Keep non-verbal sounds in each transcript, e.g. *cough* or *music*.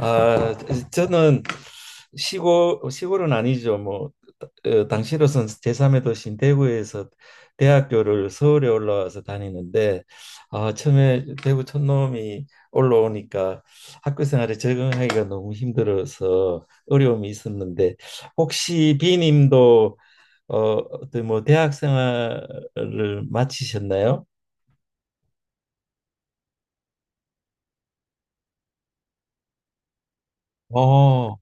아, 저는 시골은 아니죠. 뭐 당시로선 제3의 도시인 대구에서 대학교를 서울에 올라와서 다니는데, 아, 처음에 대구 촌놈이 올라오니까 학교 생활에 적응하기가 너무 힘들어서 어려움이 있었는데, 혹시 비님도 어떤 뭐 대학 생활을 마치셨나요? 어,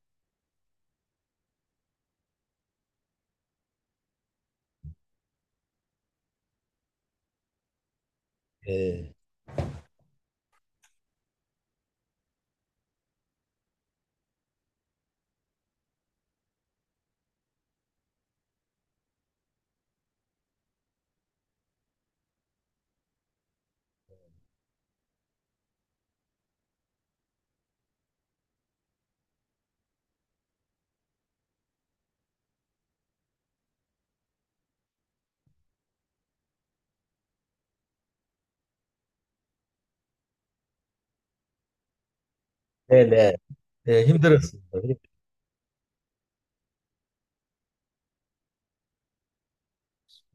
네. 네네. 네, 힘들었습니다.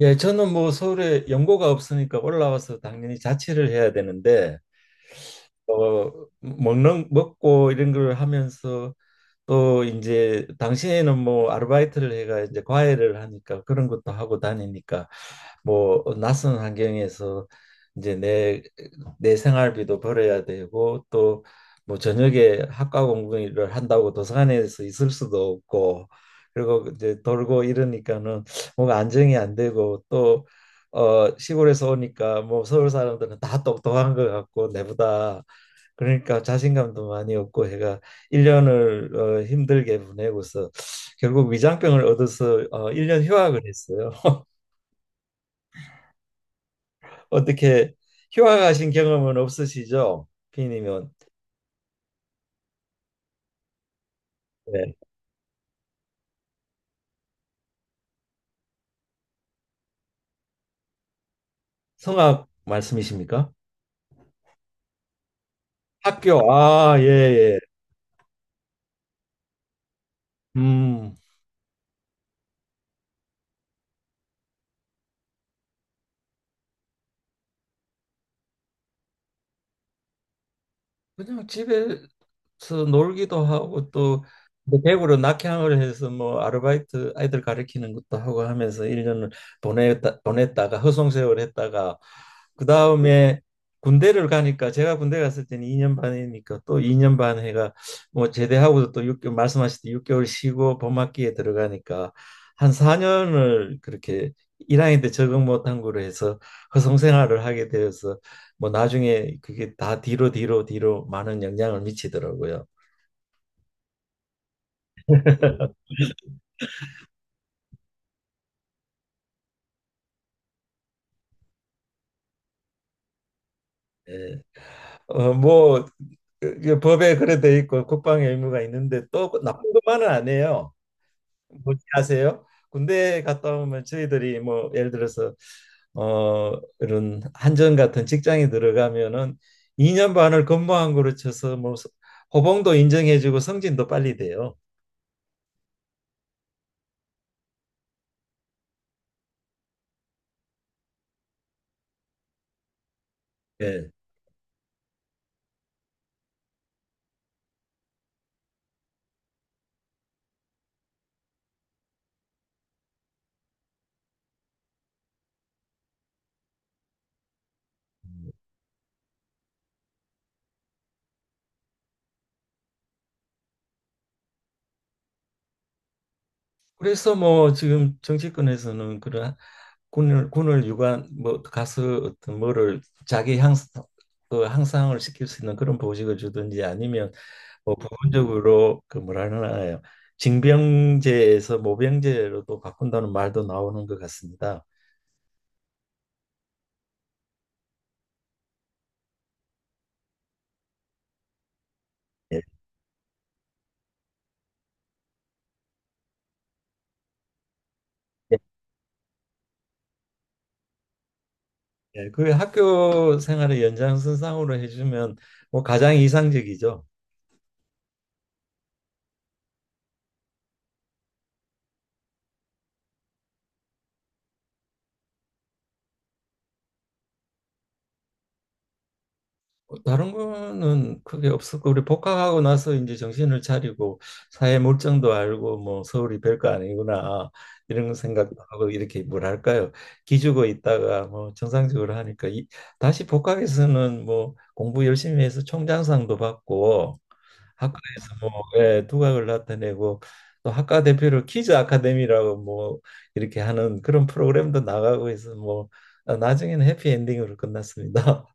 예, 저는 뭐 서울에 연고가 없으니까 올라와서 당연히 자취를 해야 되는데, 어, 먹는 먹고 이런 걸 하면서 또 이제 당시에는 뭐 아르바이트를 해가 이제 과외를 하니까 그런 것도 하고 다니니까, 뭐 낯선 환경에서 이제 내 생활비도 벌어야 되고, 또 뭐 저녁에 학과 공부를 한다고 도서관에서 있을 수도 없고, 그리고 이제 돌고 이러니까는 뭔가 안정이 안 되고, 또 시골에서 오니까 뭐 서울 사람들은 다 똑똑한 것 같고 내보다, 그러니까 자신감도 많이 없고 해가 1년을 힘들게 보내고서 결국 위장병을 얻어서 1년 휴학을 했어요. *laughs* 어떻게 휴학하신 경험은 없으시죠? 비님은. 네. 성악 말씀이십니까? 학교. 아, 예, 예. 음. 그냥 집에서 놀기도 하고 또 대구로 낙향을 해서 뭐 아르바이트 아이들 가르치는 것도 하고 하면서 1년을 보냈다가 허송세월 했다가, 그 다음에 군대를 가니까, 제가 군대 갔을 때는 2년 반이니까 또 2년 반 해가, 뭐 제대하고도 또개월 말씀하셨듯이 6개월 쉬고 봄학기에 들어가니까 한 4년을 그렇게 1학년 때 적응 못한 거로 해서 허송생활을 하게 되어서, 뭐 나중에 그게 다 뒤로 뒤로 뒤로 많은 영향을 미치더라고요. 예. 뭐 그 법에 그래 돼 있고 국방의 의무가 있는데, 또 그 나쁜 것만은 안 해요. 뭐지 아세요? 군대 갔다 오면 저희들이 뭐 예를 들어서 어 이런 한전 같은 직장에 들어가면은 2년 반을 근무한 거로 쳐서 뭐 호봉도 인정해주고 승진도 빨리 돼요. 예. 그래서 뭐 지금 정치권에서는 그런 군을 유관 뭐 가서 어떤 뭐를 자기 향 그 향상을 시킬 수 있는 그런 보직을 주든지, 아니면 뭐 부분적으로, 그 뭐라 하나요, 징병제에서 모병제로도 바꾼다는 말도 나오는 것 같습니다. 예. 예. 예, 그 학교 생활의 연장선상으로 해주면 뭐 가장 이상적이죠. 다른 거는 크게 없었고 우리 복학하고 나서 이제 정신을 차리고 사회 물정도 알고, 뭐 서울이 별거 아니구나 이런 생각도 하고, 이렇게 뭐랄까요, 기죽어 있다가 뭐 정상적으로 하니까 다시 복학해서는 뭐 공부 열심히 해서 총장상도 받고 학과에서 뭐, 예, 두각을 나타내고 또 학과 대표로 퀴즈 아카데미라고 뭐 이렇게 하는 그런 프로그램도 나가고 해서, 뭐 아, 나중에는 해피엔딩으로 끝났습니다.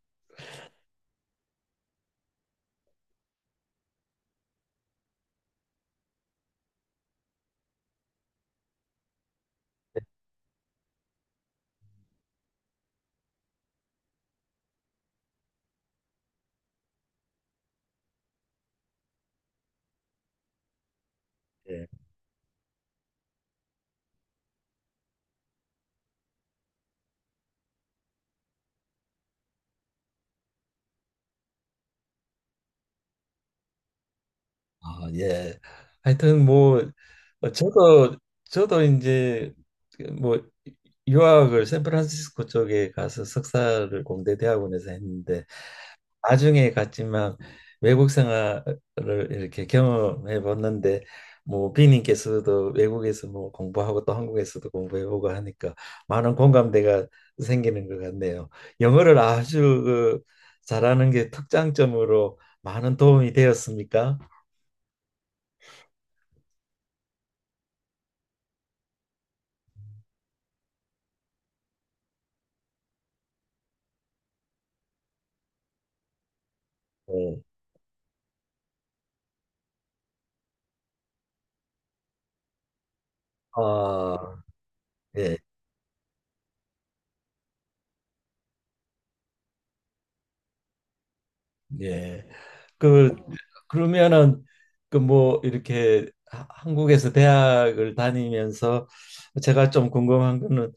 *laughs* 아, 예. 하여튼 뭐 어, 저도 저도 이제 뭐 유학을 샌프란시스코 쪽에 가서 석사를 공대 대학원에서 했는데, 나중에 갔지만 외국 생활을 이렇게 경험해 봤는데, 뭐 비님께서도 외국에서 뭐 공부하고 또 한국에서도 공부해보고 하니까 많은 공감대가 생기는 것 같네요. 영어를 아주 그 잘하는 게 특장점으로 많은 도움이 되었습니까? 네. 아, 예, 예. 그 그러면은, 그 뭐 이렇게 한국에서 대학을 다니면서 제가 좀 궁금한 거는,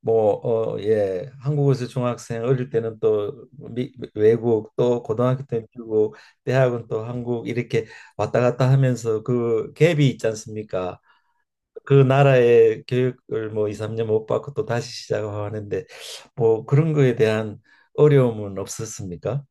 뭐 어 예 한국에서 중학생 어릴 때는 또 외국, 또 고등학교 때는 미국, 대학은 또 한국, 이렇게 왔다 갔다 하면서 그 갭이 있지 않습니까? 그 나라의 교육을 뭐 2, 3년 못 받고 또 다시 시작하고 하는데, 뭐 그런 거에 대한 어려움은 없었습니까?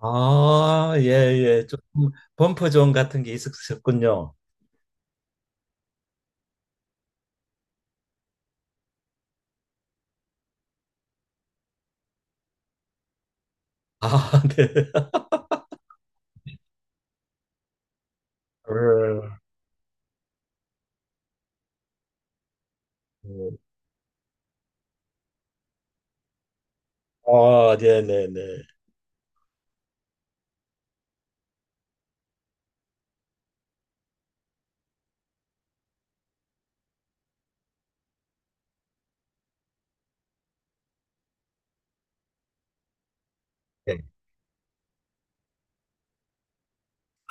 아, 예, 예. 좀 범퍼존 같은 게 있었군요. 아, *laughs* 네. 음, 음. 아, 네, 네, 네.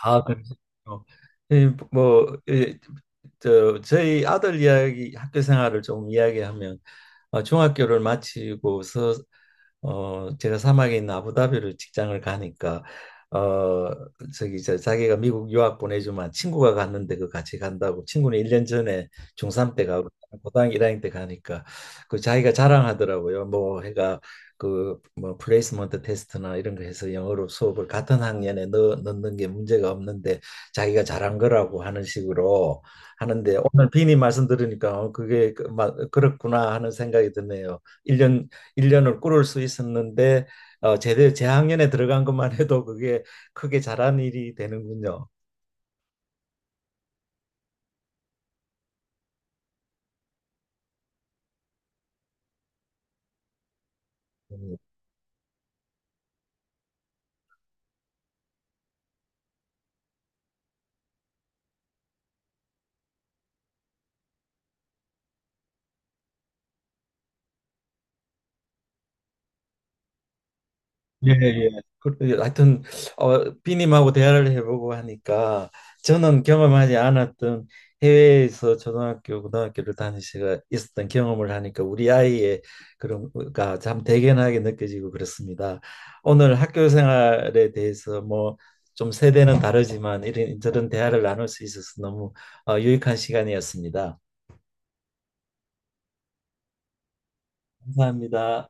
아, 그러시군요. 예, 뭐, 예, 저희 아들 이야기, 학교 생활을 좀 이야기하면, 중학교를 마치고서, 제가 사막에 있는 아부다비로 직장을 가니까, 어, 저기, 저, 자기가 미국 유학 보내주면 친구가 갔는데, 그 같이 간다고, 친구는 1년 전에 중삼때 가고, 고등학교 1학년 때 가니까, 그 자기가 자랑하더라고요. 뭐, 해가 그 뭐 플레이스먼트 테스트나 이런 거 해서 영어로 수업을 같은 학년에 넣는 게 문제가 없는데, 자기가 잘한 거라고 하는 식으로 하는데, 오늘 비니 말씀 들으니까 그게 그, 그렇구나 하는 생각이 드네요. 1년 1년을 꾸를 수 있었는데, 제대 재학년에 들어간 것만 해도 그게 크게 잘한 일이 되는군요. 음. 예, 예. 그래, 하여튼 비님하고 대화를 해보고 하니까, 저는 경험하지 않았던 해외에서 초등학교, 고등학교를 다니시가 있었던 경험을 하니까 우리 아이의 그런 거가 참 대견하게 느껴지고 그렇습니다. 오늘 학교 생활에 대해서 뭐 좀 세대는 다르지만 이런 저런 대화를 나눌 수 있어서 너무 유익한 시간이었습니다. 감사합니다.